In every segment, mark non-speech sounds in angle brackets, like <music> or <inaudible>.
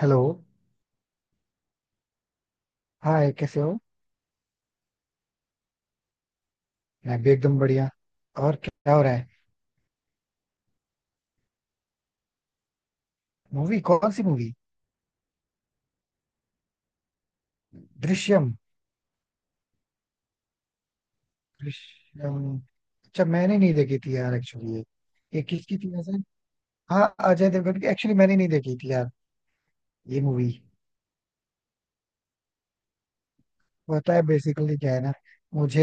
Hello. Hi, कैसे हो? मैं भी एकदम बढ़िया। और क्या हो रहा है? मूवी? कौन सी मूवी? दृश्यम? दृश्यम? अच्छा, मैंने नहीं देखी थी यार, एक्चुअली ये किसकी थी वैसे? हाँ, अजय देवगन की, एक्चुअली मैंने नहीं देखी थी यार, ये मूवी। पता है, बेसिकली क्या है ना, मुझे,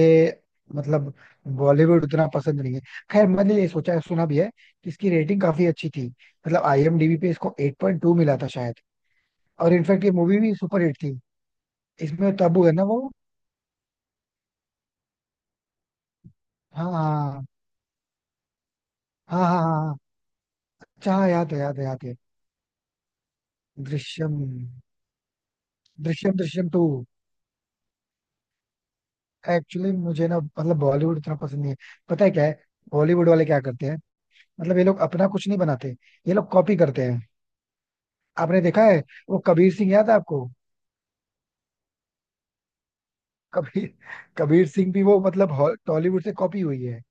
मतलब बॉलीवुड उतना पसंद नहीं है। खैर, मैंने ये सोचा सुना भी है कि इसकी रेटिंग काफी अच्छी थी, मतलब आईएमडीबी पे इसको 8.2 मिला था शायद। और इनफैक्ट ये मूवी भी सुपर हिट थी। इसमें तब्बू है ना वो। हाँ हाँ हाँ। हाँ हाँ हाँ हाँ। अच्छा, हाँ, याद है, याद है, याद है। दृश्यम, दृश्यम, दृश्यम टू। एक्चुअली मुझे ना, मतलब बॉलीवुड इतना पसंद नहीं है। पता है क्या है? बॉलीवुड वाले क्या करते हैं? मतलब ये लोग अपना कुछ नहीं बनाते। ये लोग कॉपी करते हैं। आपने देखा है वो कबीर सिंह, याद है आपको? कबीर कबीर सिंह भी वो मतलब टॉलीवुड से कॉपी हुई है।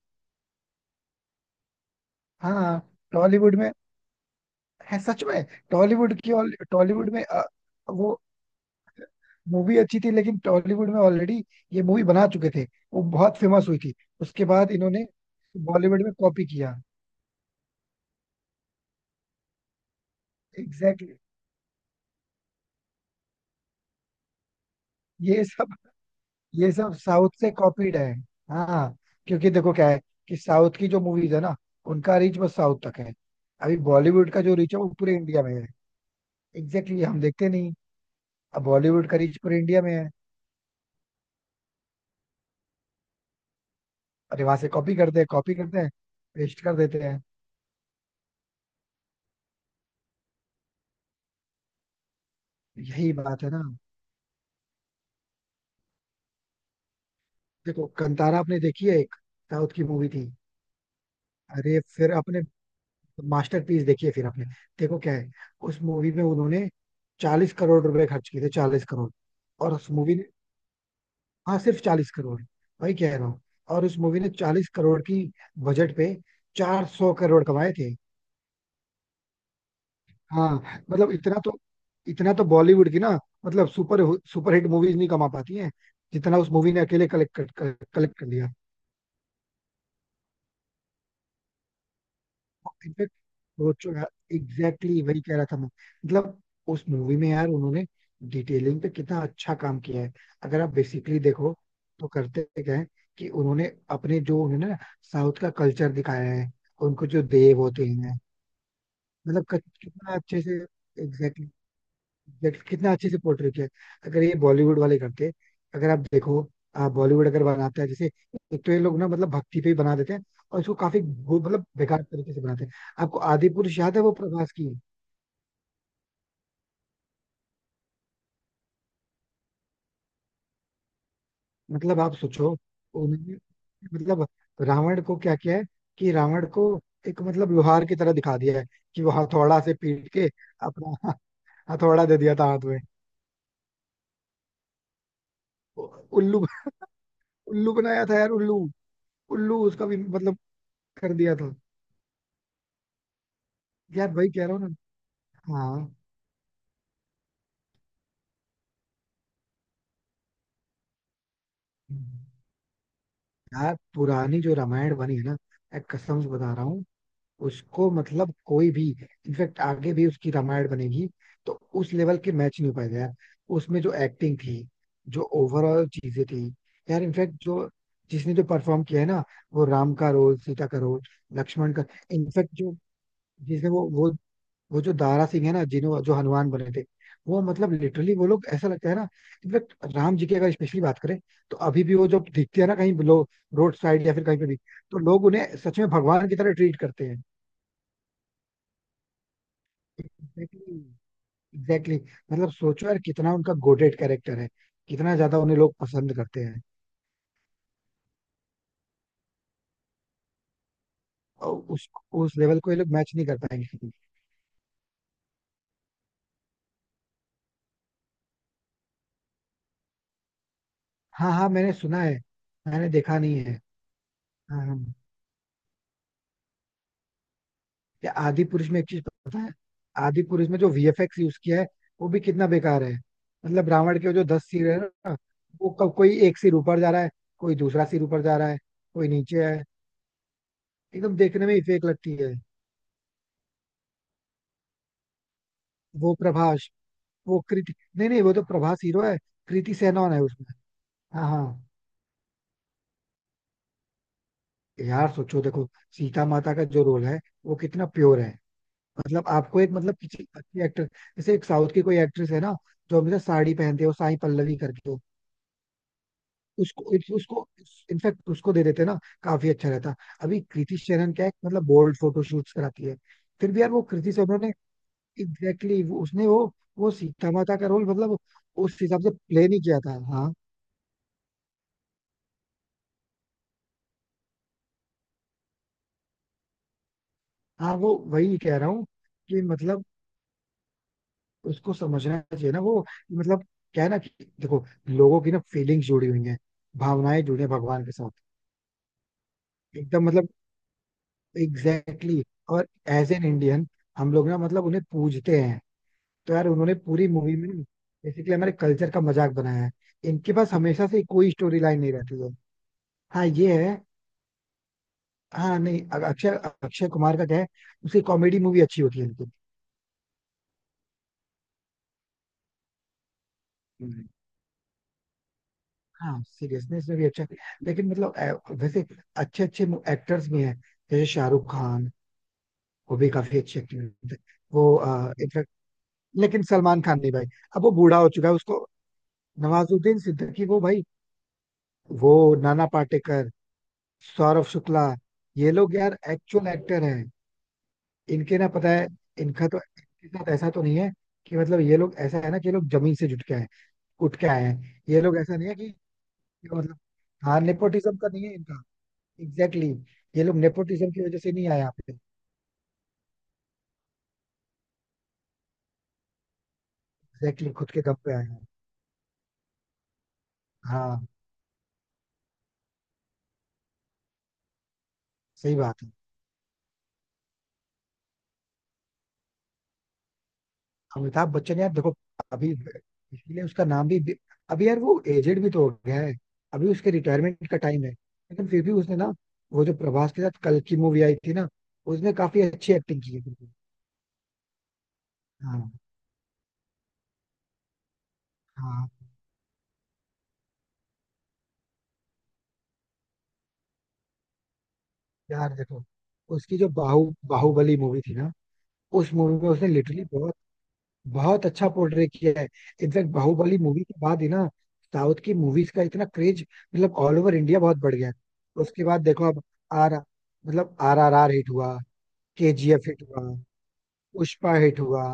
हाँ हाँ, टॉलीवुड में है सच में। टॉलीवुड की टॉलीवुड में, वो मूवी अच्छी थी, लेकिन टॉलीवुड में ऑलरेडी ये मूवी बना चुके थे। वो बहुत फेमस हुई थी। उसके बाद इन्होंने बॉलीवुड में कॉपी किया। Exactly exactly। ये सब ये सब साउथ से कॉपीड है। हाँ। क्योंकि देखो क्या है कि साउथ की जो मूवीज है ना, उनका रीच बस साउथ तक है। अभी बॉलीवुड का जो रीच है, वो पूरे इंडिया में है। एग्जैक्टली exactly, हम देखते नहीं। अब बॉलीवुड का रीच पूरे इंडिया में है। अरे, वहां से कॉपी करते हैं, कॉपी करते हैं, पेस्ट कर देते हैं। यही बात है ना। देखो, कंतारा आपने देखी है? एक साउथ की मूवी थी। अरे, फिर अपने मास्टरपीस देखिए फिर आपने। देखो क्या है, उस मूवी में उन्होंने 40 करोड़ रुपए खर्च किए थे, 40 करोड़। और उस मूवी ने, हाँ सिर्फ 40 करोड़, वही कह रहा हूँ। और उस मूवी ने 40 करोड़ की बजट पे 400 करोड़ कमाए थे। हाँ। मतलब इतना तो बॉलीवुड की ना, मतलब सुपरहिट मूवीज नहीं कमा पाती हैं जितना उस मूवी ने अकेले कलेक्ट कलेक्ट कर लिया। इनफैक्ट सोचो यार, एग्जैक्टली exactly वही कह रहा था मैं, मतलब उस मूवी में यार उन्होंने डिटेलिंग पे कितना अच्छा काम किया है। अगर आप बेसिकली देखो तो करते क्या है कि उन्होंने अपने जो उन्होंने ना साउथ का कल्चर दिखाया है, उनको जो देव होते हैं, मतलब कितना अच्छे से, एग्जैक्टली, देख कितना अच्छे से पोर्ट्रे किया है। अगर ये बॉलीवुड वाले करते, अगर आप देखो, बॉलीवुड अगर बनाता है जैसे, एक तो ये लोग ना मतलब भक्ति पे ही बना देते हैं, और इसको काफी मतलब बेकार तरीके से बनाते हैं। आपको आदि पुरुष याद है वो प्रभास की? मतलब आप सोचो, उन्होंने मतलब रावण को क्या किया है कि रावण को एक मतलब लोहार की तरह दिखा दिया है कि वो हथौड़ा से पीट के अपना <laughs> हथौड़ा दे दिया था हाथ में। उल्लू, उल्लू बनाया था यार, उल्लू, उल्लू उसका भी मतलब कर दिया था। यार वही कह रहा हूँ ना। हाँ। यार, पुरानी जो रामायण बनी है ना, मैं कसम से बता रहा हूँ, उसको मतलब कोई भी, इनफेक्ट आगे भी उसकी रामायण बनेगी, तो उस लेवल के मैच नहीं हो पाएगा यार। उसमें जो एक्टिंग थी, जो ओवरऑल चीजें थी, यार, इनफैक्ट जो, जिसने जो परफॉर्म किया है ना, वो राम का रोल, सीता का रोल, लक्ष्मण का, इनफैक्ट जो, जिसने वो जो दारा सिंह है ना, जिन्हों जो हनुमान बने थे, वो मतलब लिटरली वो लोग ऐसा लगता है ना। इनफेक्ट राम जी की अगर स्पेशली बात करें, तो अभी भी वो जब दिखते हैं ना कहीं, लोग, रोड साइड या फिर कहीं पे भी, तो लोग उन्हें सच में भगवान की तरह ट्रीट करते हैं। एग्जैक्टली। एग्जैक्टली, मतलब सोचो यार कितना उनका गोटेड कैरेक्टर है, कितना ज्यादा उन्हें लोग पसंद करते हैं। और उस लेवल को ये लोग मैच नहीं कर पाएंगे। हाँ हाँ, मैंने सुना है, मैंने देखा नहीं है। हाँ हाँ। या आदि पुरुष में एक चीज पता है, आदि पुरुष में जो वीएफएक्स यूज किया है, वो भी कितना बेकार है। मतलब रावण के जो 10 सिर है ना, कोई एक सिर ऊपर जा रहा है, कोई दूसरा सिर ऊपर जा रहा है, कोई नीचे है, एकदम देखने में ही फेक लगती है। वो प्रभास, वो कृति, नहीं नहीं, वो तो प्रभास हीरो है, कृति सेनन है उसमें। हाँ हाँ। यार सोचो, देखो, सीता माता का जो रोल है, वो कितना प्योर है, मतलब आपको एक मतलब किसी अच्छी एक्टर, जैसे एक साउथ की कोई एक्ट्रेस है ना, जो हमेशा साड़ी पहनते हो, साई पल्लवी करके हो, उसको उसको, इनफैक्ट उसको दे देते ना, काफी अच्छा रहता। अभी कृति शेनन क्या है, मतलब बोल्ड फोटो शूट्स कराती है। फिर भी यार वो कृति सेनन ने, एग्जैक्टली exactly, उसने वो सीता माता का रोल मतलब उस हिसाब से प्ले नहीं किया था। हाँ। हाँ, वो वही कह रहा हूँ, कि मतलब उसको समझना चाहिए ना वो, मतलब क्या है ना कि देखो, लोगों की ना फीलिंग्स जुड़ी हुई हैं, भावनाएं जुड़ी हैं भगवान के साथ। एकदम मतलब एग्जैक्टली exactly, और एज एन इंडियन हम लोग ना मतलब उन्हें पूजते हैं, तो यार उन्होंने पूरी मूवी में बेसिकली हमारे कल्चर का मजाक बनाया है। इनके पास हमेशा से कोई स्टोरी लाइन नहीं रहती है। हाँ ये है। हाँ नहीं, अक्षय अक्षय कुमार का क्या है, उसकी कॉमेडी मूवी अच्छी होती है इनकी। हम्म। हाँ, सीरियसनेस में भी अच्छा, लेकिन मतलब वैसे अच्छे अच्छे एक्टर्स भी हैं, जैसे शाहरुख खान, वो भी काफी अच्छे एक्टर थे, वो इनफैक्ट, लेकिन सलमान खान नहीं भाई, अब वो बूढ़ा हो चुका है उसको। नवाजुद्दीन सिद्दीकी वो भाई, वो नाना पाटेकर, सौरभ शुक्ला, ये लोग यार एक्चुअल एक्टर हैं। इनके ना, पता है इनका तो, इनके साथ ऐसा तो नहीं है कि मतलब, ये लोग ऐसा है ना कि ये लोग जमीन से जुट के आए, उठ के आए हैं। ये लोग ऐसा नहीं है कि मतलब, हाँ, नेपोटिज्म का नहीं है इनका। Exactly exactly। ये लोग नेपोटिज्म की वजह से नहीं आए यहाँ पे। एग्जैक्टली exactly, खुद के दम पे आए हैं। हाँ, सही बात है। अमिताभ बच्चन यार देखो, अभी इसीलिए उसका नाम अभी यार वो एजेड भी तो हो गया है, अभी उसके रिटायरमेंट का टाइम है, लेकिन फिर भी उसने ना, वो जो प्रभास के साथ कल की मूवी आई थी ना, उसमें काफी अच्छी एक्टिंग की है फिर भी। हाँ हाँ। यार देखो, उसकी जो बाहुबली मूवी थी ना, उस मूवी में उसने लिटरली बहुत बहुत अच्छा पोर्ट्रे किया है। इनफैक्ट बाहुबली मूवी के बाद ही ना साउथ की मूवीज का इतना क्रेज, मतलब ऑल ओवर इंडिया बहुत बढ़ गया है। उसके बाद देखो अब, आर मतलब आर आर आर हिट हुआ, केजीएफ हिट हुआ, पुष्पा हिट हुआ,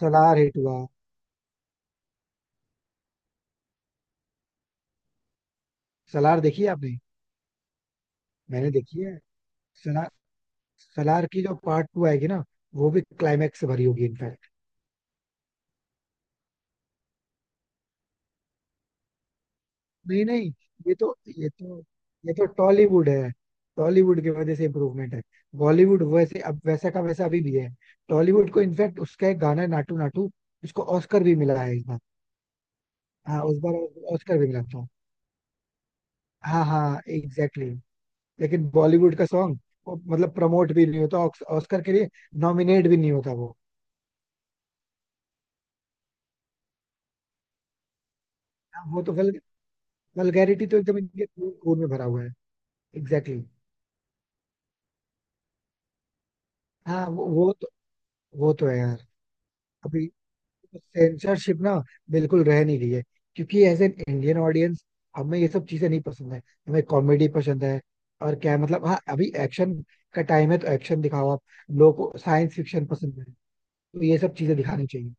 सलार हिट हुआ। सलार देखी है आपने? मैंने देखी है। सलार, सलार की जो पार्ट 2 आएगी ना, वो भी क्लाइमैक्स से भरी होगी इनफैक्ट। नहीं नहीं, ये तो ये तो ये तो टॉलीवुड है। टॉलीवुड की वजह से इम्प्रूवमेंट है, बॉलीवुड वैसे अब वैसा का वैसा अभी भी है। टॉलीवुड को, इनफैक्ट उसका एक गाना है नाटू नाटू, उसको ऑस्कर भी मिला है इस बार। हाँ, उस बार ऑस्कर भी मिला था। हाँ हाँ एग्जैक्टली। लेकिन बॉलीवुड का सॉन्ग मतलब प्रमोट भी नहीं होता ऑस्कर के लिए, नॉमिनेट भी नहीं होता वो। हाँ, वो तो वल्गैरिटी तो एकदम इनके खून में भरा हुआ है। Exactly exactly। हाँ, वो तो है यार। अभी सेंसरशिप ना बिल्कुल रह नहीं रही है, क्योंकि एज एन इंडियन ऑडियंस हमें ये सब चीजें नहीं पसंद है। हमें कॉमेडी पसंद है, और क्या है, मतलब, हाँ, अभी एक्शन का टाइम है तो एक्शन दिखाओ आप, लोगों को साइंस फिक्शन पसंद है, तो ये सब चीजें दिखानी चाहिए।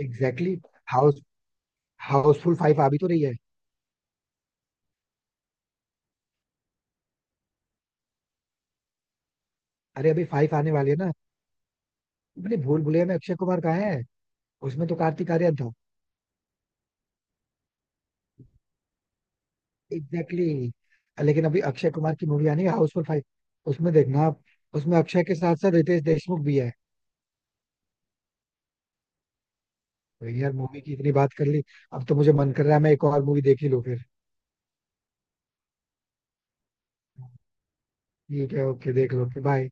एग्जैक्टली exactly, हाउसफुल फाइव आ भी तो रही है। अरे, अभी 5 आने वाली है ना। अपने भूल भुलैया में अक्षय कुमार कहाँ है? उसमें तो कार्तिक आर्यन था। Exactly exactly। लेकिन अभी अक्षय कुमार की मूवी आनी है, हाउसफुल 5, उसमें देखना आप, उसमें अक्षय के साथ साथ रितेश देशमुख भी है। तो यार, मूवी की इतनी बात कर ली, अब तो मुझे मन कर रहा है मैं एक और मूवी देख ही लूँ फिर। ठीक है, ओके, देख लो फिर। बाय।